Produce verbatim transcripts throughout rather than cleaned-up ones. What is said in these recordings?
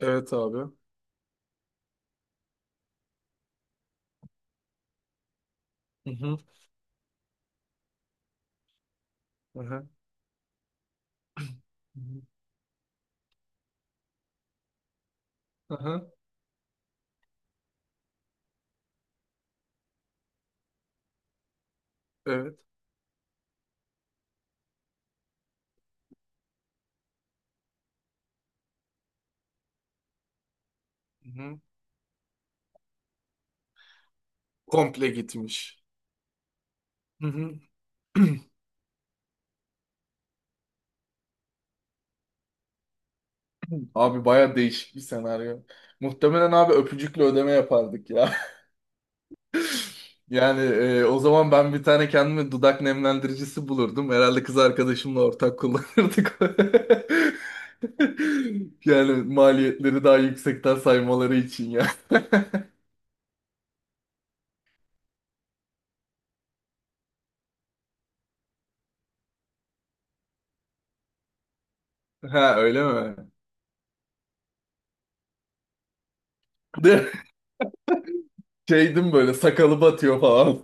Evet, abi. Hı hı. Hı hı. Hı hı. Hı hı. Evet. Hı hı. Komple gitmiş. Hı hı. Abi, baya değişik bir senaryo. Muhtemelen abi, öpücükle ödeme yapardık ya. Yani e, o zaman ben bir tane kendime dudak nemlendiricisi bulurdum. Herhalde kız arkadaşımla ortak kullanırdık. Yani maliyetleri daha yüksekten saymaları için ya. Ha, öyle mi? De şeydim, böyle sakalı batıyor falan.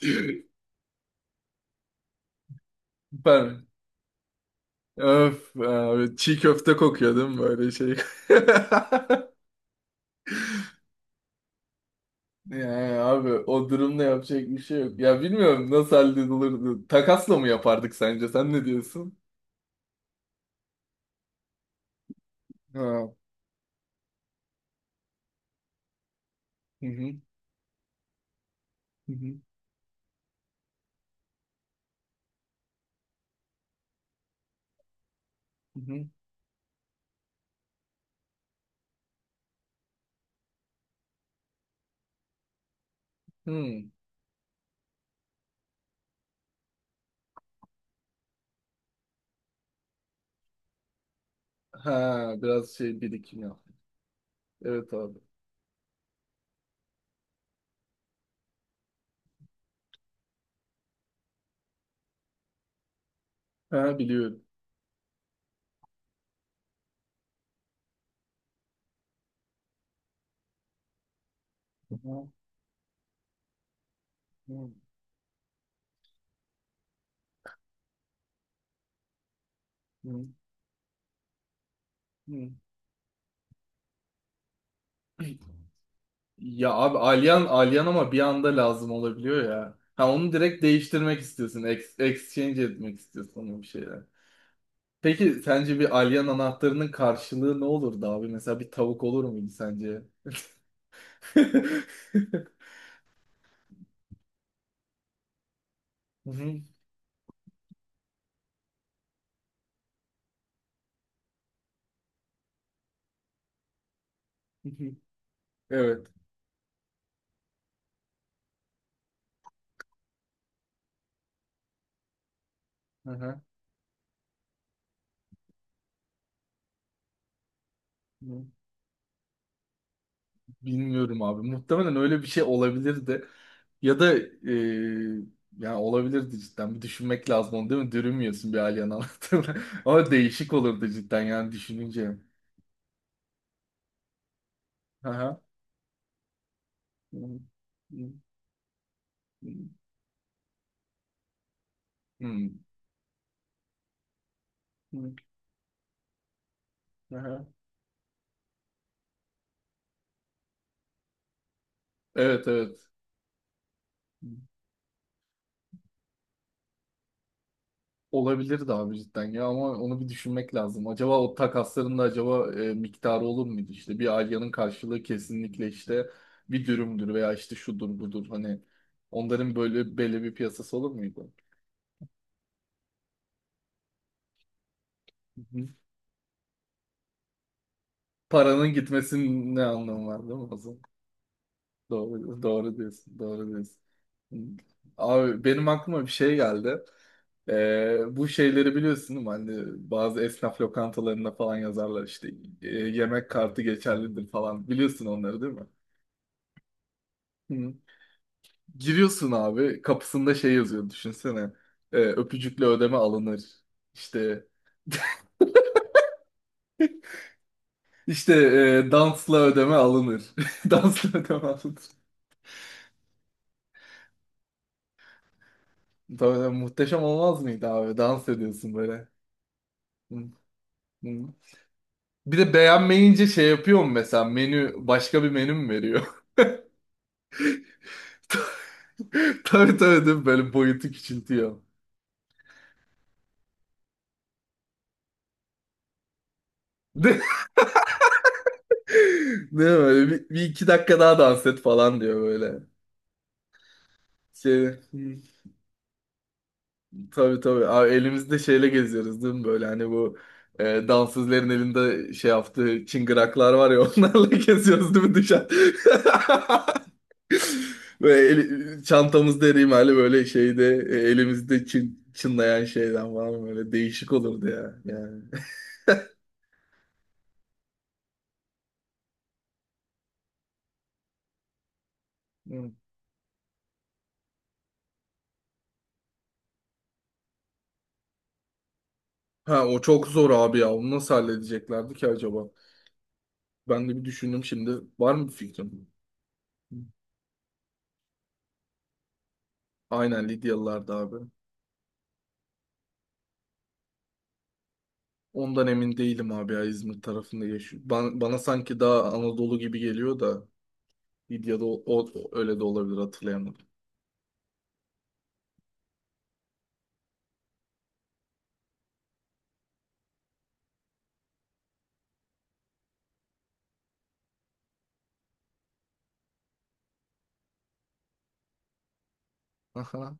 Süper. Öf abi, çiğ köfte kokuyor değil mi böyle şey? Yani abi, o durumda yapacak bir şey yok. Ya bilmiyorum nasıl halledilirdi. Takasla mı yapardık sence? Sen ne diyorsun? Ha. Hı hı. Hı hı. Hı hı. Hmm. Ha, biraz şey birikim yap. Evet abi. Ha, biliyorum. Hı hı. Hı hı. Ya abi, alyan alyan ama bir anda lazım olabiliyor ya. Ha, onu direkt değiştirmek istiyorsun. Ex- exchange etmek istiyorsun onu bir şeyler. Peki sence bir alyan anahtarının karşılığı ne olurdu abi? Mesela bir tavuk olur muydu sence? Hı hı, hı hı. Evet. Hı hı. Bilmiyorum abi. Muhtemelen öyle bir şey olabilirdi. Ya da e, yani olabilirdi cidden. Bir düşünmek lazım onu değil mi? Dürümüyorsun bir alien anahtarına. Ama değişik olurdu cidden yani düşününce. Hı hı. Hı hı. Hı hı. Hı hı. Evet, evet. Olabilirdi abi cidden ya, ama onu bir düşünmek lazım. Acaba o takasların da acaba e, miktarı olur muydu? İşte bir Alya'nın karşılığı kesinlikle işte bir dürümdür veya işte şudur budur, hani onların böyle belli bir piyasası olur muydu? Hı hı. Paranın gitmesinin ne anlamı var değil mi? Doğru, doğru diyorsun, doğru diyorsun. Abi, benim aklıma bir şey geldi. Ee, bu şeyleri biliyorsun değil mi? Hani bazı esnaf lokantalarında falan yazarlar işte, e, yemek kartı geçerlidir falan. Biliyorsun onları değil mi? Hı. Giriyorsun abi, kapısında şey yazıyor düşünsene. Ee, öpücükle ödeme alınır. İşte işte e, dansla ödeme alınır. Dansla ödeme alınır. Tabii, muhteşem olmaz mıydı abi? Dans ediyorsun böyle. Hı, hı. Bir de beğenmeyince şey yapıyor mu mesela, menü başka bir menü mü veriyor? Tabii tabii değil mi? Böyle boyutu küçültüyor. Ne, ne böyle bir, bir iki dakika daha dans et falan diyor böyle. Şey, tabii tabii. Abi elimizde şeyle geziyoruz değil mi? Böyle hani bu e, dansözlerin elinde şey yaptığı çıngıraklar var ya, onlarla geziyoruz değil mi dışarı? Böyle eli- çantamızda erimali böyle şeyde, e, elimizde çın, çınlayan şeyden falan böyle değişik olurdu ya. Yani. Hı. Ha, o çok zor abi ya. Onu nasıl halledeceklerdi ki acaba? Ben de bir düşündüm şimdi. Var mı bir fikrin? Aynen Lidyalılardı abi. Ondan emin değilim abi ya, İzmir tarafında yaşıyor. Ban- Bana sanki daha Anadolu gibi geliyor da, Lidya'da o, o- öyle de olabilir, hatırlayamadım. Aha.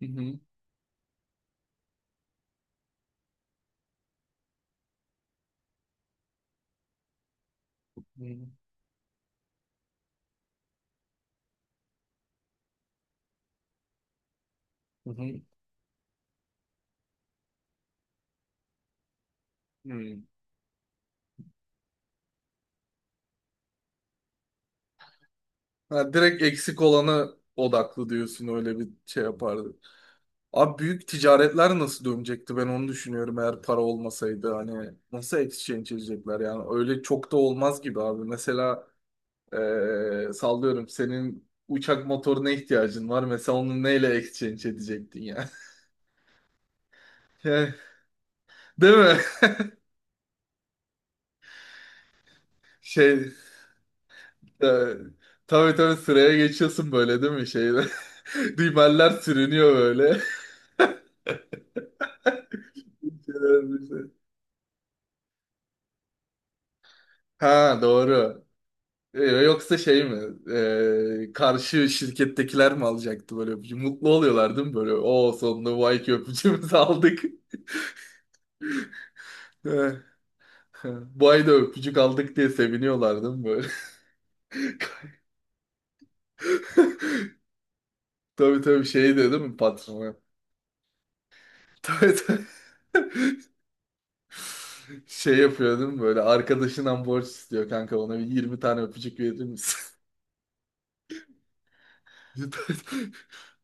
Hı hı. Hı hı. Hı hı. Ha, direkt eksik olana odaklı diyorsun, öyle bir şey yapar. Abi, büyük ticaretler nasıl dönecekti, ben onu düşünüyorum. Eğer para olmasaydı hani nasıl exchange edecekler, yani öyle çok da olmaz gibi abi. Mesela eee, sallıyorum, senin uçak motoruna ihtiyacın var mesela, onu neyle exchange edecektin ya? Yani, değil mi? Şey, e, tabii tabii, sıraya geçiyorsun böyle değil mi şeyde. Dümeller sürünüyor böyle. Ha, doğru. Ee, yoksa şey mi? Ee, karşı şirkettekiler mi alacaktı böyle öpücü? Mutlu oluyorlar değil mi böyle? O sonunda bu ayki öpücüğümüzü aldık. Ee, Bu ay da öpücük aldık diye seviniyorlar değil mi böyle? Tabii tabii, şey diyor değil mi patrona? Tabii tabii. Şey yapıyor değil mi böyle? Arkadaşından borç istiyor, kanka ona bir yirmi tane öpücük verir misin?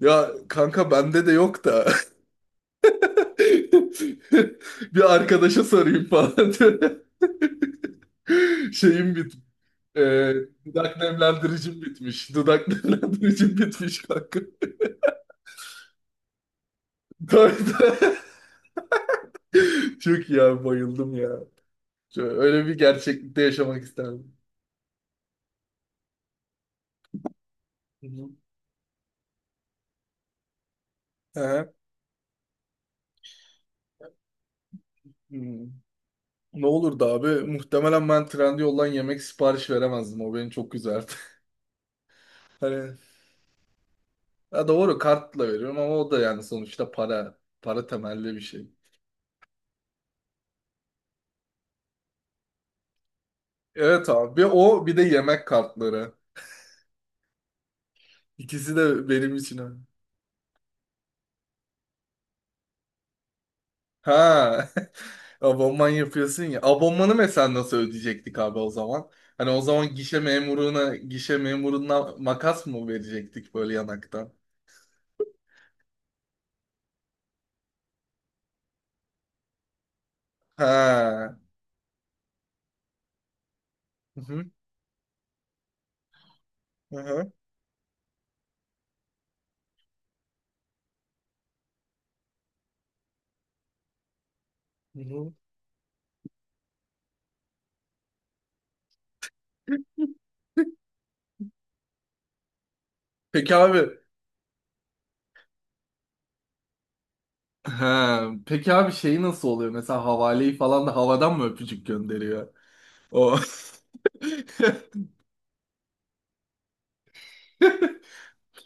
Ya kanka, bende de yok da. Bir arkadaşa sorayım falan. Şeyim bit e, dudak nemlendiricim bitmiş. Dudak nemlendiricim bitmiş kanka. Tabii, tabii. Çok iyi abi, bayıldım ya. Şöyle, öyle bir gerçeklikte yaşamak isterdim. Hı hı. Hı. Hmm. Ne olurdu abi? Muhtemelen ben Trendyol'dan yemek sipariş veremezdim. O beni çok üzerdi. Hani ya doğru, kartla veriyorum ama o da yani sonuçta para. Para temelli bir şey. Evet abi. Bir o, bir de yemek kartları. İkisi de benim için öyle. Ha. Abonman yapıyorsun ya. Abonmanı mesela nasıl ödeyecektik abi o zaman? Hani o zaman gişe memuruna, gişe memuruna makas mı verecektik böyle yanaktan? Ha. Hı hı. Hı hı. Hı hı. Peki abi. Ha. Peki abi, şeyi nasıl oluyor? Mesela havaleyi falan da havadan mı öpücük gönderiyor? O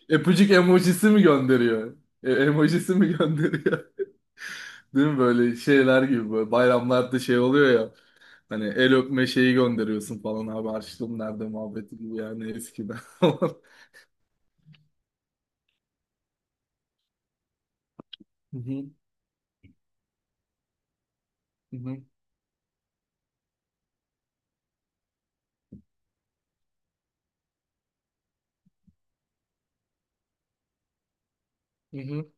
öpücük emojisi mi gönderiyor? E, emojisi mi gönderiyor? Değil mi böyle şeyler gibi böyle bayramlarda şey oluyor ya, hani el öpme şeyi gönderiyorsun falan abi, harçlığım nerede muhabbeti gibi yani eskiden. Hı hı, hı hı, hı hı.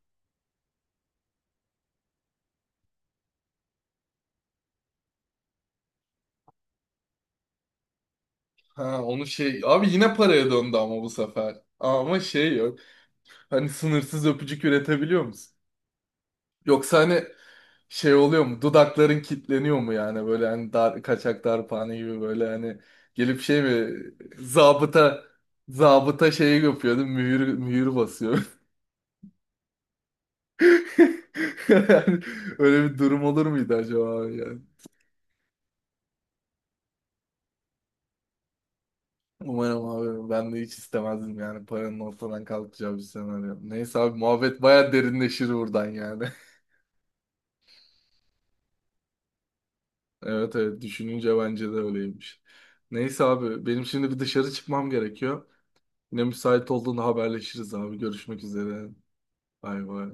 Ha, onu şey abi yine paraya döndü ama bu sefer. Ama şey yok. Hani sınırsız öpücük üretebiliyor musun? Yoksa hani şey oluyor mu? Dudakların kilitleniyor mu yani, böyle hani dar, kaçak darphane gibi böyle hani gelip şey mi, zabıta, zabıta şeyi yapıyordu, mühür mühür basıyor. Yani öyle bir durum olur muydu acaba abi yani? Umarım abi, ben de hiç istemezdim yani paranın ortadan kalkacağı bir senaryo. Neyse abi, muhabbet baya derinleşir buradan yani. Evet evet, düşününce bence de öyleymiş. Neyse abi, benim şimdi bir dışarı çıkmam gerekiyor. Yine müsait olduğunda haberleşiriz abi. Görüşmek üzere. Bay bay.